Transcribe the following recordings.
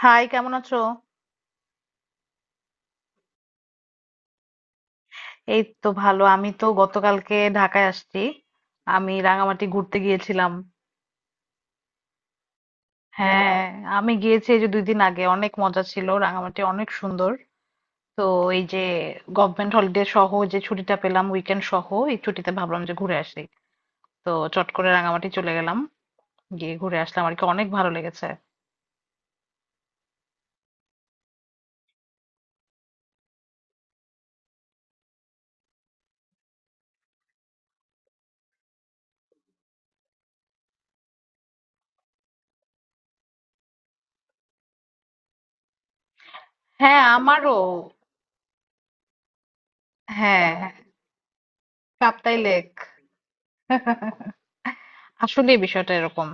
High, কেমন আছো? এই তো ভালো। আমি তো গতকালকে ঢাকায় আসছি। আমি রাঙামাটি ঘুরতে গিয়েছিলাম। হ্যাঁ, আমি গিয়েছি এই যে 2 দিন আগে। অনেক মজা ছিল। রাঙামাটি অনেক সুন্দর। তো এই যে গভর্নমেন্ট হলিডে সহ যে ছুটিটা পেলাম উইকেন্ড সহ, এই ছুটিতে ভাবলাম যে ঘুরে আসি। তো চট করে রাঙামাটি চলে গেলাম, গিয়ে ঘুরে আসলাম আর কি। অনেক ভালো লেগেছে। হ্যাঁ, আমারও। হ্যাঁ, হ্যাঁ, কাপ্তাই লেক। আসলে বিষয়টা এরকম।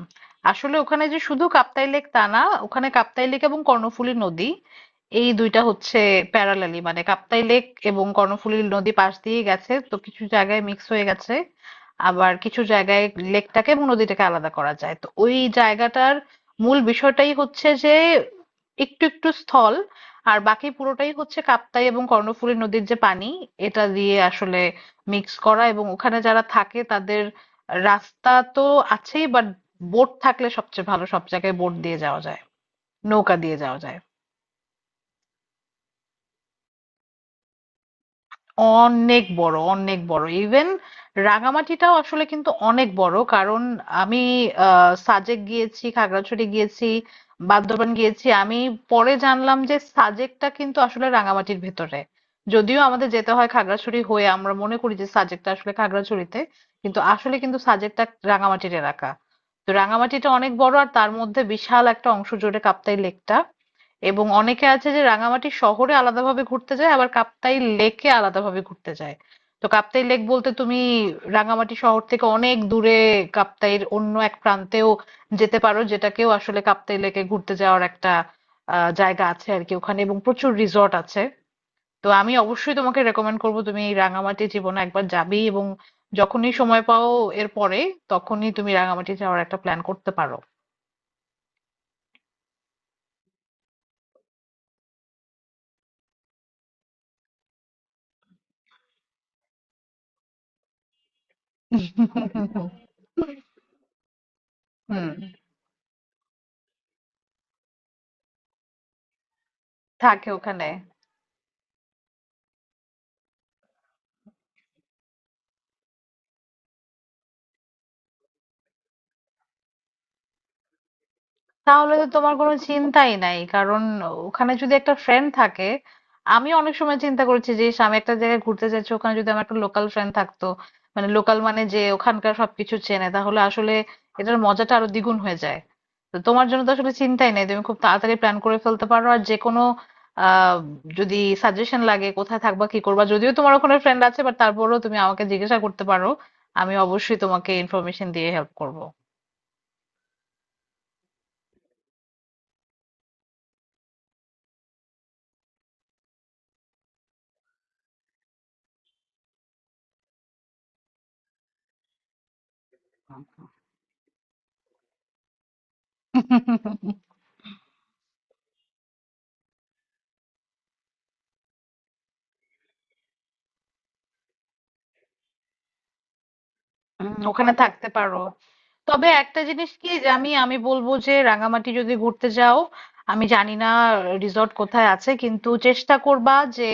আসলে ওখানে যে শুধু কাপ্তাই লেক তা না, ওখানে কাপ্তাই লেক এবং কর্ণফুলী নদী, এই দুইটা হচ্ছে প্যারালালি। মানে কাপ্তাই লেক এবং কর্ণফুলী নদী পাশ দিয়ে গেছে, তো কিছু জায়গায় মিক্স হয়ে গেছে, আবার কিছু জায়গায় লেকটাকে এবং নদীটাকে আলাদা করা যায়। তো ওই জায়গাটার মূল বিষয়টাই হচ্ছে যে একটু একটু স্থল, আর বাকি পুরোটাই হচ্ছে কাপ্তাই এবং কর্ণফুলী নদীর যে পানি, এটা দিয়ে আসলে মিক্স করা। এবং ওখানে যারা থাকে তাদের রাস্তা তো আছেই, বাট বোট থাকলে সবচেয়ে ভালো। সব জায়গায় বোট দিয়ে যাওয়া যায়, নৌকা দিয়ে যাওয়া যায়। অনেক বড়, অনেক বড়। ইভেন রাঙামাটিটাও আসলে কিন্তু অনেক বড়। কারণ আমি সাজেক গিয়েছি, খাগড়াছড়ি গিয়েছি, বান্দরবান গিয়েছি। আমি পরে জানলাম যে সাজেকটা কিন্তু আসলে রাঙামাটির ভেতরে। যদিও আমাদের যেতে হয় খাগড়াছড়ি হয়ে, আমরা মনে করি যে সাজেকটা আসলে খাগড়াছড়িতে, কিন্তু আসলে কিন্তু সাজেকটা রাঙামাটির এলাকা। তো রাঙামাটিটা অনেক বড়, আর তার মধ্যে বিশাল একটা অংশ জুড়ে কাপ্তাই লেকটা। এবং অনেকে আছে যে রাঙামাটি শহরে আলাদাভাবে ঘুরতে যায়, আবার কাপ্তাই লেকে আলাদাভাবে ঘুরতে যায়। তো কাপ্তাই লেক বলতে তুমি রাঙামাটি শহর থেকে অনেক দূরে কাপ্তাইয়ের অন্য এক প্রান্তেও যেতে পারো, যেটাকেও আসলে কাপ্তাই লেকে ঘুরতে যাওয়ার একটা জায়গা আছে আর কি ওখানে। এবং প্রচুর রিসর্ট আছে। তো আমি অবশ্যই তোমাকে রেকমেন্ড করবো, তুমি এই রাঙামাটি জীবনে একবার যাবেই, এবং যখনই সময় পাও এর পরে, তখনই তুমি রাঙামাটি যাওয়ার একটা প্ল্যান করতে পারো। হুম। থাকে ওখানে। তাহলে তো তোমার কোনো চিন্তাই নাই, কারণ ওখানে যদি একটা ফ্রেন্ড থাকে। আমি অনেক সময় চিন্তা করেছি যে ইস, আমি একটা জায়গায় ঘুরতে যাচ্ছি, ওখানে যদি আমার একটা লোকাল ফ্রেন্ড থাকতো, মানে লোকাল মানে যে ওখানকার সবকিছু চেনে, তাহলে আসলে এটার মজাটা আরো দ্বিগুণ হয়ে যায়। তো তোমার জন্য তো আসলে চিন্তাই নাই, তুমি খুব তাড়াতাড়ি প্ল্যান করে ফেলতে পারো। আর যে কোনো আহ যদি সাজেশন লাগে কোথায় থাকবা, কি করবা, যদিও তোমার ওখানে ফ্রেন্ড আছে, বাট তারপরেও তুমি আমাকে জিজ্ঞাসা করতে পারো। আমি অবশ্যই তোমাকে ইনফরমেশন দিয়ে হেল্প করব। ওখানে থাকতে পারো। তবে একটা জিনিস কি, যে আমি আমি বলবো যে রাঙামাটি যদি ঘুরতে যাও, আমি জানি না রিসর্ট কোথায় আছে, কিন্তু চেষ্টা করবা যে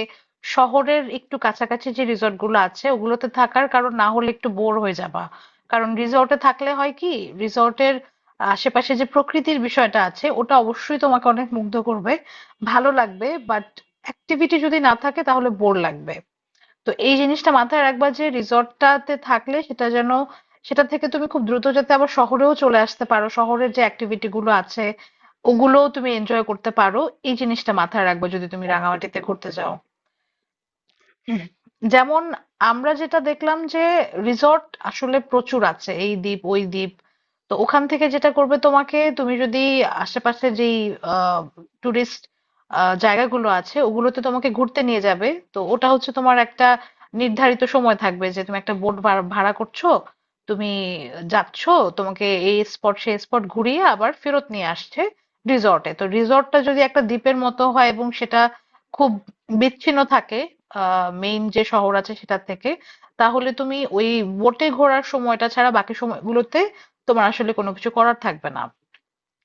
শহরের একটু কাছাকাছি যে রিসর্ট গুলো আছে ওগুলোতে থাকার। কারণ না হলে একটু বোর হয়ে যাবা। কারণ রিসর্টে থাকলে হয় কি, রিসর্টের আশেপাশে যে প্রকৃতির বিষয়টা আছে, ওটা অবশ্যই তোমাকে অনেক মুগ্ধ করবে, ভালো লাগবে, বাট অ্যাক্টিভিটি যদি না থাকে তাহলে বোর লাগবে। তো এই জিনিসটা মাথায় রাখবা যে রিসর্টটাতে থাকলে, সেটা যেন সেটা থেকে তুমি খুব দ্রুত যাতে আবার শহরেও চলে আসতে পারো, শহরের যে অ্যাক্টিভিটি গুলো আছে ওগুলোও তুমি এনজয় করতে পারো। এই জিনিসটা মাথায় রাখবে যদি তুমি রাঙামাটিতে ঘুরতে যাও। হুম, যেমন আমরা যেটা দেখলাম যে রিসর্ট আসলে প্রচুর আছে, এই দ্বীপ ওই দ্বীপ। তো ওখান থেকে যেটা করবে, তোমাকে তুমি যদি আশেপাশে যেই টুরিস্ট জায়গাগুলো আছে ওগুলোতে তোমাকে ঘুরতে নিয়ে যাবে, তো ওটা হচ্ছে তোমার একটা নির্ধারিত সময় থাকবে যে তুমি একটা বোট ভাড়া করছো, তুমি যাচ্ছ, তোমাকে এই স্পট সেই স্পট ঘুরিয়ে আবার ফেরত নিয়ে আসছে রিসর্টে। তো রিসর্টটা যদি একটা দ্বীপের মতো হয় এবং সেটা খুব বিচ্ছিন্ন থাকে মেইন যে শহর আছে সেটা থেকে, তাহলে তুমি ওই বোটে ঘোরার সময়টা ছাড়া বাকি সময়গুলোতে তোমার আসলে কোনো কিছু করার থাকবে না।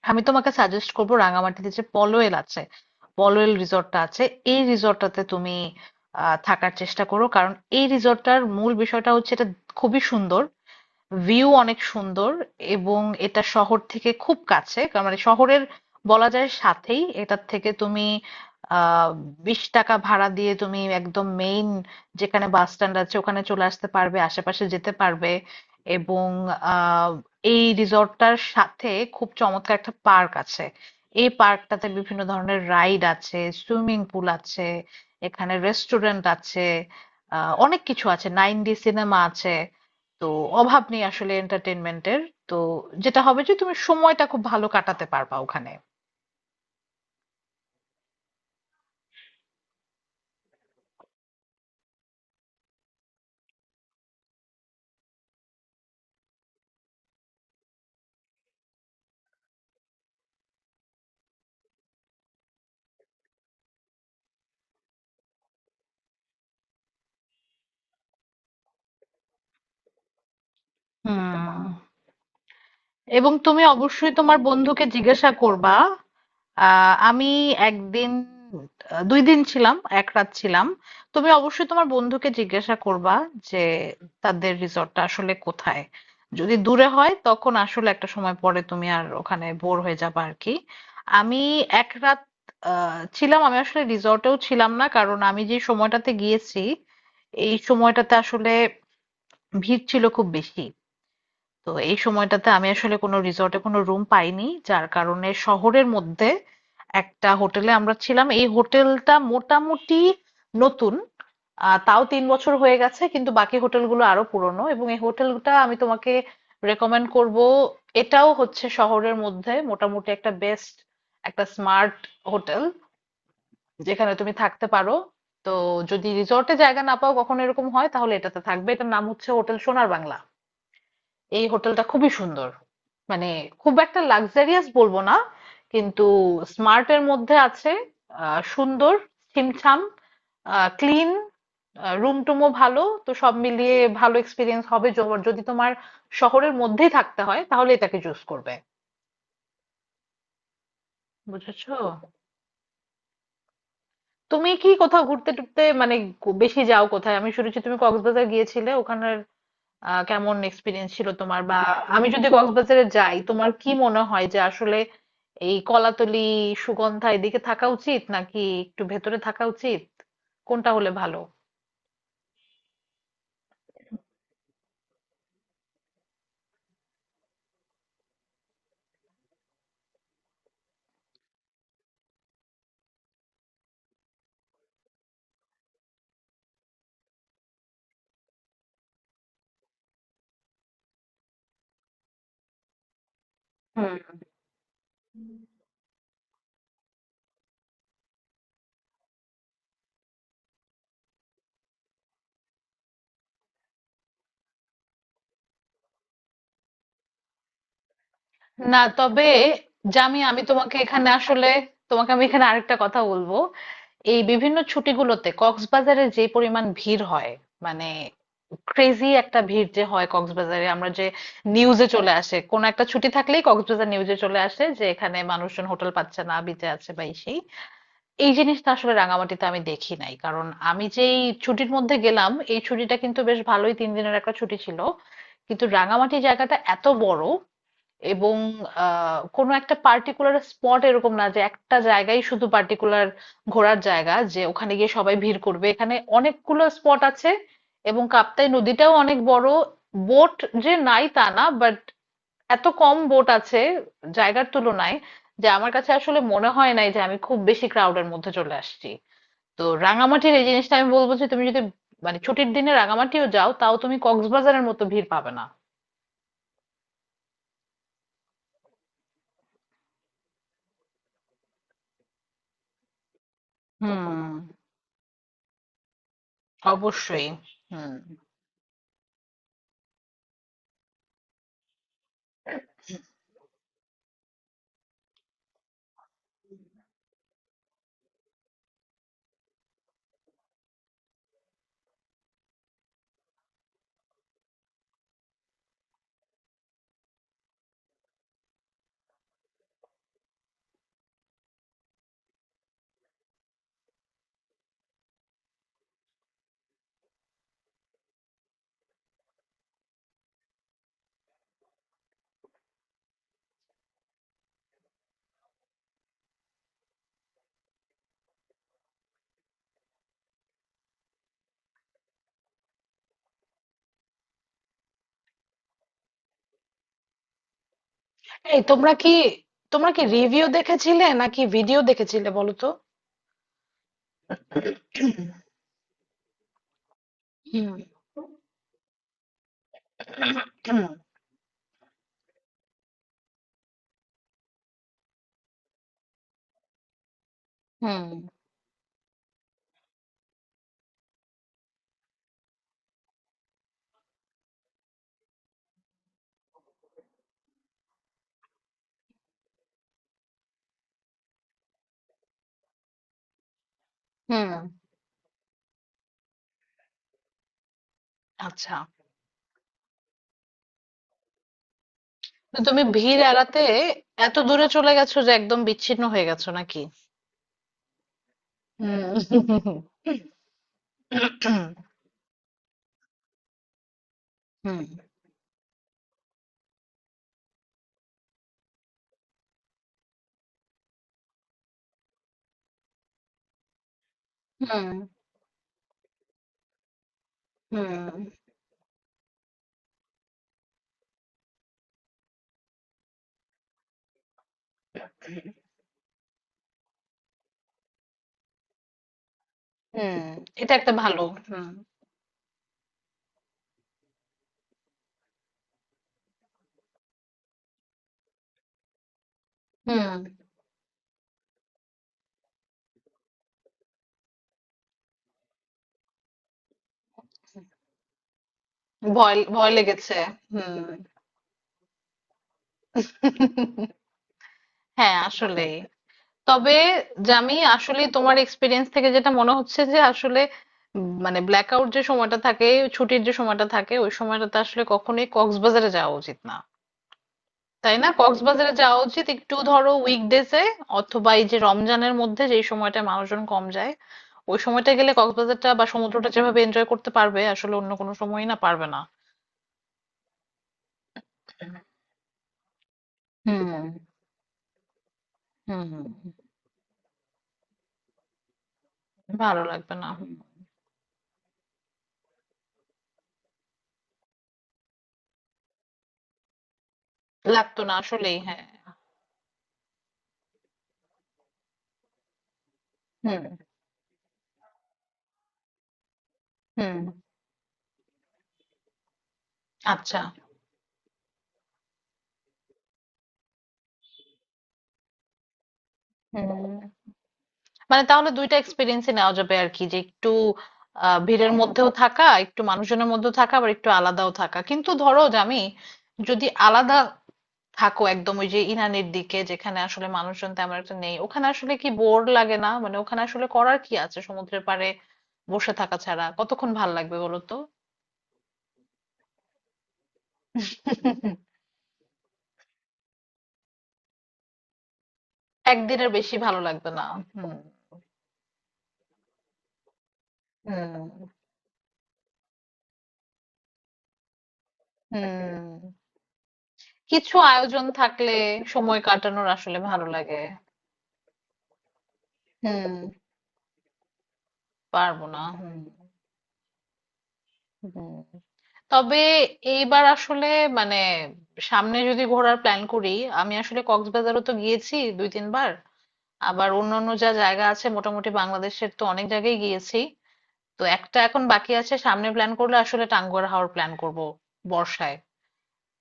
আমি তোমাকে সাজেস্ট করবো রাঙামাটিতে যে পলওয়েল আছে, পলওয়েল রিসর্টটা আছে, এই রিসর্টটাতে তুমি থাকার চেষ্টা করো। কারণ এই রিসর্টটার মূল বিষয়টা হচ্ছে এটা খুবই সুন্দর, ভিউ অনেক সুন্দর, এবং এটা শহর থেকে খুব কাছে। মানে শহরের বলা যায় সাথেই। এটার থেকে তুমি আহ 20 টাকা ভাড়া দিয়ে তুমি একদম মেইন যেখানে বাস স্ট্যান্ড আছে ওখানে চলে আসতে পারবে, আশেপাশে যেতে পারবে। এবং আহ এই রিসর্টটার সাথে খুব চমৎকার একটা পার্ক আছে। এই পার্কটাতে বিভিন্ন ধরনের রাইড আছে, সুইমিং পুল আছে, এখানে রেস্টুরেন্ট আছে, অনেক কিছু আছে, 9D সিনেমা আছে। তো অভাব নেই আসলে এন্টারটেনমেন্টের। তো যেটা হবে যে তুমি সময়টা খুব ভালো কাটাতে পারবা ওখানে। হুম। এবং তুমি অবশ্যই তোমার বন্ধুকে জিজ্ঞাসা করবা। আমি একদিন 2 দিন ছিলাম 1 রাত ছিলাম তুমি অবশ্যই তোমার বন্ধুকে জিজ্ঞাসা করবা যে তাদের রিসর্টটা আসলে কোথায়। যদি দূরে হয় তখন আসলে একটা সময় পরে তুমি আর ওখানে বোর হয়ে যাবে আর কি। আমি 1 রাত ছিলাম। আমি আসলে রিসর্টেও ছিলাম না, কারণ আমি যে সময়টাতে গিয়েছি এই সময়টাতে আসলে ভিড় ছিল খুব বেশি। তো এই সময়টাতে আমি আসলে কোনো রিসর্টে কোনো রুম পাইনি, যার কারণে শহরের মধ্যে একটা হোটেলে আমরা ছিলাম। এই হোটেলটা মোটামুটি নতুন, তাও 3 বছর হয়ে গেছে, কিন্তু বাকি হোটেলগুলো আরো পুরনো। এবং এই হোটেলটা আমি তোমাকে রেকমেন্ড করব। এটাও হচ্ছে শহরের মধ্যে মোটামুটি একটা বেস্ট, একটা স্মার্ট হোটেল যেখানে তুমি থাকতে পারো। তো যদি রিসর্টে জায়গা না পাও, কখনো এরকম হয়, তাহলে এটাতে থাকবে। এটার নাম হচ্ছে হোটেল সোনার বাংলা। এই হোটেলটা খুবই সুন্দর। মানে খুব একটা লাক্সারিয়াস বলবো না, কিন্তু স্মার্ট এর মধ্যে আছে। সুন্দর, ছিমছাম, ক্লিন, রুম টুমও ভালো। তো সব মিলিয়ে ভালো এক্সপিরিয়েন্স হবে। যদি তোমার শহরের মধ্যেই থাকতে হয় তাহলে এটাকে চুজ করবে। বুঝেছো? তুমি কি কোথাও ঘুরতে টুরতে মানে বেশি যাও কোথায়? আমি শুনেছি তুমি কক্সবাজার গিয়েছিলে। ওখানের কেমন এক্সপিরিয়েন্স ছিল তোমার, বা আমি যদি কক্সবাজারে যাই তোমার কি মনে হয় যে আসলে এই কলাতলি সুগন্ধা এদিকে থাকা উচিত নাকি একটু ভেতরে থাকা উচিত, কোনটা হলে ভালো? হুম। না, তবে জামি, আমি তোমাকে এখানে আসলে তোমাকে আমি এখানে আরেকটা কথা বলবো। এই বিভিন্ন ছুটিগুলোতে কক্সবাজারে যে পরিমাণ ভিড় হয়, মানে ক্রেজি একটা ভিড় যে হয় কক্সবাজারে, আমরা যে নিউজে চলে আসে, কোন একটা ছুটি থাকলেই কক্সবাজার নিউজে চলে আসে যে এখানে মানুষজন হোটেল পাচ্ছে না, বিচে আছে, বা এই সেই। এই জিনিসটা আসলে রাঙামাটিতে আমি দেখি নাই। কারণ আমি যেই ছুটির মধ্যে গেলাম, এই ছুটিটা কিন্তু বেশ ভালোই, 3 দিনের একটা ছুটি ছিল। কিন্তু রাঙামাটি জায়গাটা এত বড়, এবং কোনো একটা পার্টিকুলার স্পট এরকম না যে একটা জায়গায় শুধু পার্টিকুলার ঘোরার জায়গা যে ওখানে গিয়ে সবাই ভিড় করবে, এখানে অনেকগুলো স্পট আছে, এবং কাপ্তাই নদীটাও অনেক বড়। বোট যে নাই তা না, বাট এত কম বোট আছে জায়গার তুলনায় যে আমার কাছে আসলে মনে হয় নাই যে আমি খুব বেশি ক্রাউডের মধ্যে চলে আসছি। তো রাঙামাটির এই জিনিসটা আমি বলবো যে তুমি যদি মানে ছুটির দিনে রাঙামাটিও যাও, তাও তুমি কক্সবাজারের মতো ভিড় পাবে না। হুম। অবশ্যই। হুম। এই তোমরা কি, তোমরা কি রিভিউ দেখেছিলে নাকি ভিডিও দেখেছিলে বলো তো? হুম। হুম। হুম। হুম। আচ্ছা। তো তুমি ভিড় এড়াতে এত দূরে চলে গেছো যে একদম বিচ্ছিন্ন হয়ে গেছো নাকি? হুম। হুম। হুম। হুম। হুম। এটা একটা ভালো। হুম। হুম। ভয় ভয় লেগেছে। হুম। হ্যাঁ, আসলেই। তবে জামি, আসলে তোমার এক্সপিরিয়েন্স থেকে যেটা মনে হচ্ছে যে আসলে মানে ব্ল্যাকআউট যে সময়টা থাকে, ছুটির যে সময়টা থাকে, ওই সময়টাতে আসলে কখনোই কক্সবাজারে যাওয়া উচিত না। তাই না? কক্সবাজারে যাওয়া উচিত একটু ধরো উইকডেজে, অথবা এই যে রমজানের মধ্যে যেই সময়টা মানুষজন কম যায়, ওই সময়টা গেলে কক্সবাজারটা বা সমুদ্রটা যেভাবে এনজয় করতে পারবে আসলে অন্য কোনো সময়ই না পারবে না। হুম। হুম। হুম, হুম, ভালো লাগবে না। হুম, লাগতো না আসলেই। হ্যাঁ। হুম। হুম। আচ্ছা। হুম। মানে তাহলে দুইটা এক্সপিরিয়েন্সই নেওয়া যাবে আর কি, যে একটু ভিড়ের মধ্যেও থাকা, একটু মানুষজনের মধ্যেও থাকা, আবার একটু আলাদাও থাকা। কিন্তু ধরো যে আমি যদি আলাদা থাকো একদম ওই যে ইনানির দিকে যেখানে আসলে মানুষজন তেমন একটা নেই, ওখানে আসলে কি বোর লাগে না? মানে ওখানে আসলে করার কি আছে সমুদ্রের পাড়ে বসে থাকা ছাড়া? কতক্ষণ ভাল লাগবে বলো তো? একদিনের বেশি ভালো লাগবে না। হুম। হুম। হুম। কিছু আয়োজন থাকলে সময় কাটানোর আসলে ভালো লাগে। হুম। পারবো না। হুম। হুম। তবে এইবার আসলে মানে সামনে যদি ঘোরার প্ল্যান করি, আমি আসলে কক্সবাজারও তো গিয়েছি 2-3 বার, আবার অন্যান্য যা জায়গা আছে মোটামুটি বাংলাদেশের তো অনেক জায়গায় গিয়েছি। তো একটা এখন বাকি আছে, সামনে প্ল্যান করলে আসলে টাঙ্গুয়ার হাওর প্ল্যান করব বর্ষায়।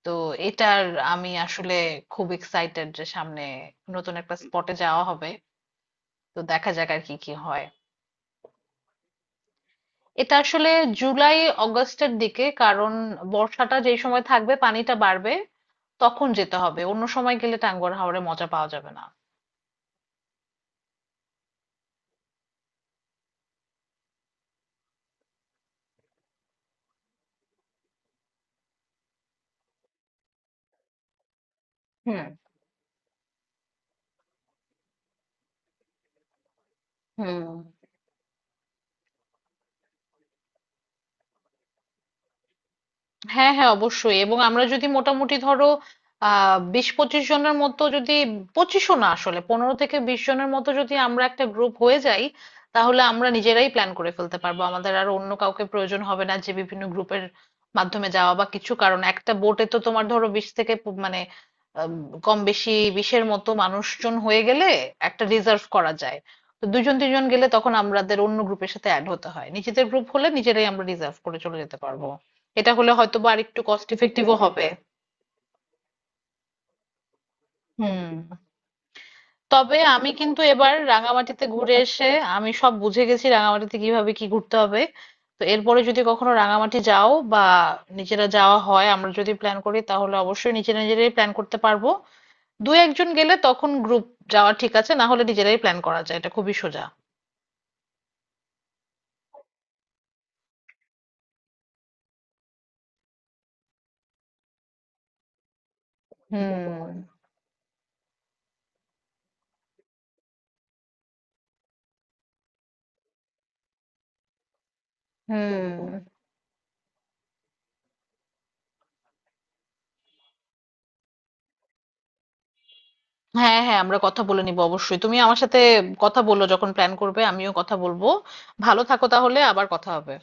তো এটার আমি আসলে খুব এক্সাইটেড যে সামনে নতুন একটা স্পটে যাওয়া হবে। তো দেখা যাক আর কি কি হয়। এটা আসলে জুলাই অগাস্টের দিকে, কারণ বর্ষাটা যেই সময় থাকবে, পানিটা বাড়বে, তখন যেতে হবে। অন্য সময় গেলে টাঙ্গুয়ার হাওরে মজা পাওয়া যাবে না। হুম। হুম। হ্যাঁ, হ্যাঁ, অবশ্যই। এবং আমরা যদি মোটামুটি ধরো 20-25 জনের মতো যদি, পঁচিশও না আসলে, 15 থেকে 20 জনের মতো যদি আমরা একটা গ্রুপ হয়ে যাই, তাহলে আমরা নিজেরাই প্ল্যান করে ফেলতে পারবো, আমাদের আর অন্য কাউকে প্রয়োজন হবে না যে বিভিন্ন গ্রুপের মাধ্যমে যাওয়া বা কিছু। কারণ একটা বোটে তো তোমার ধরো বিশ থেকে মানে আম, কম বেশি 20-এর মতো মানুষজন হয়ে গেলে একটা রিজার্ভ করা যায়। তো দুজন তিনজন গেলে তখন আমাদের অন্য গ্রুপের সাথে অ্যাড হতে হয়, নিজেদের গ্রুপ হলে নিজেরাই আমরা রিজার্ভ করে চলে যেতে পারবো। এটা হলে হয়তোবা আরেকটু কস্ট ইফেক্টিভও হবে। হুম। তবে আমি কিন্তু এবার রাঙামাটিতে ঘুরে এসে আমি সব বুঝে গেছি রাঙামাটিতে কিভাবে কি ঘুরতে হবে। তো এরপরে যদি কখনো রাঙামাটি যাও, বা নিজেরা যাওয়া হয়, আমরা যদি প্ল্যান করি, তাহলে অবশ্যই নিজেরা নিজেরাই প্ল্যান করতে পারবো। দু একজন গেলে তখন গ্রুপ যাওয়া ঠিক আছে, না হলে নিজেরাই প্ল্যান করা যায়, এটা খুবই সোজা। হুম। হুম। হ্যাঁ, হ্যাঁ, আমরা কথা বলে নিব অবশ্যই। তুমি আমার সাথে কথা বলো যখন প্ল্যান করবে, আমিও কথা বলবো। ভালো থাকো তাহলে, আবার কথা হবে।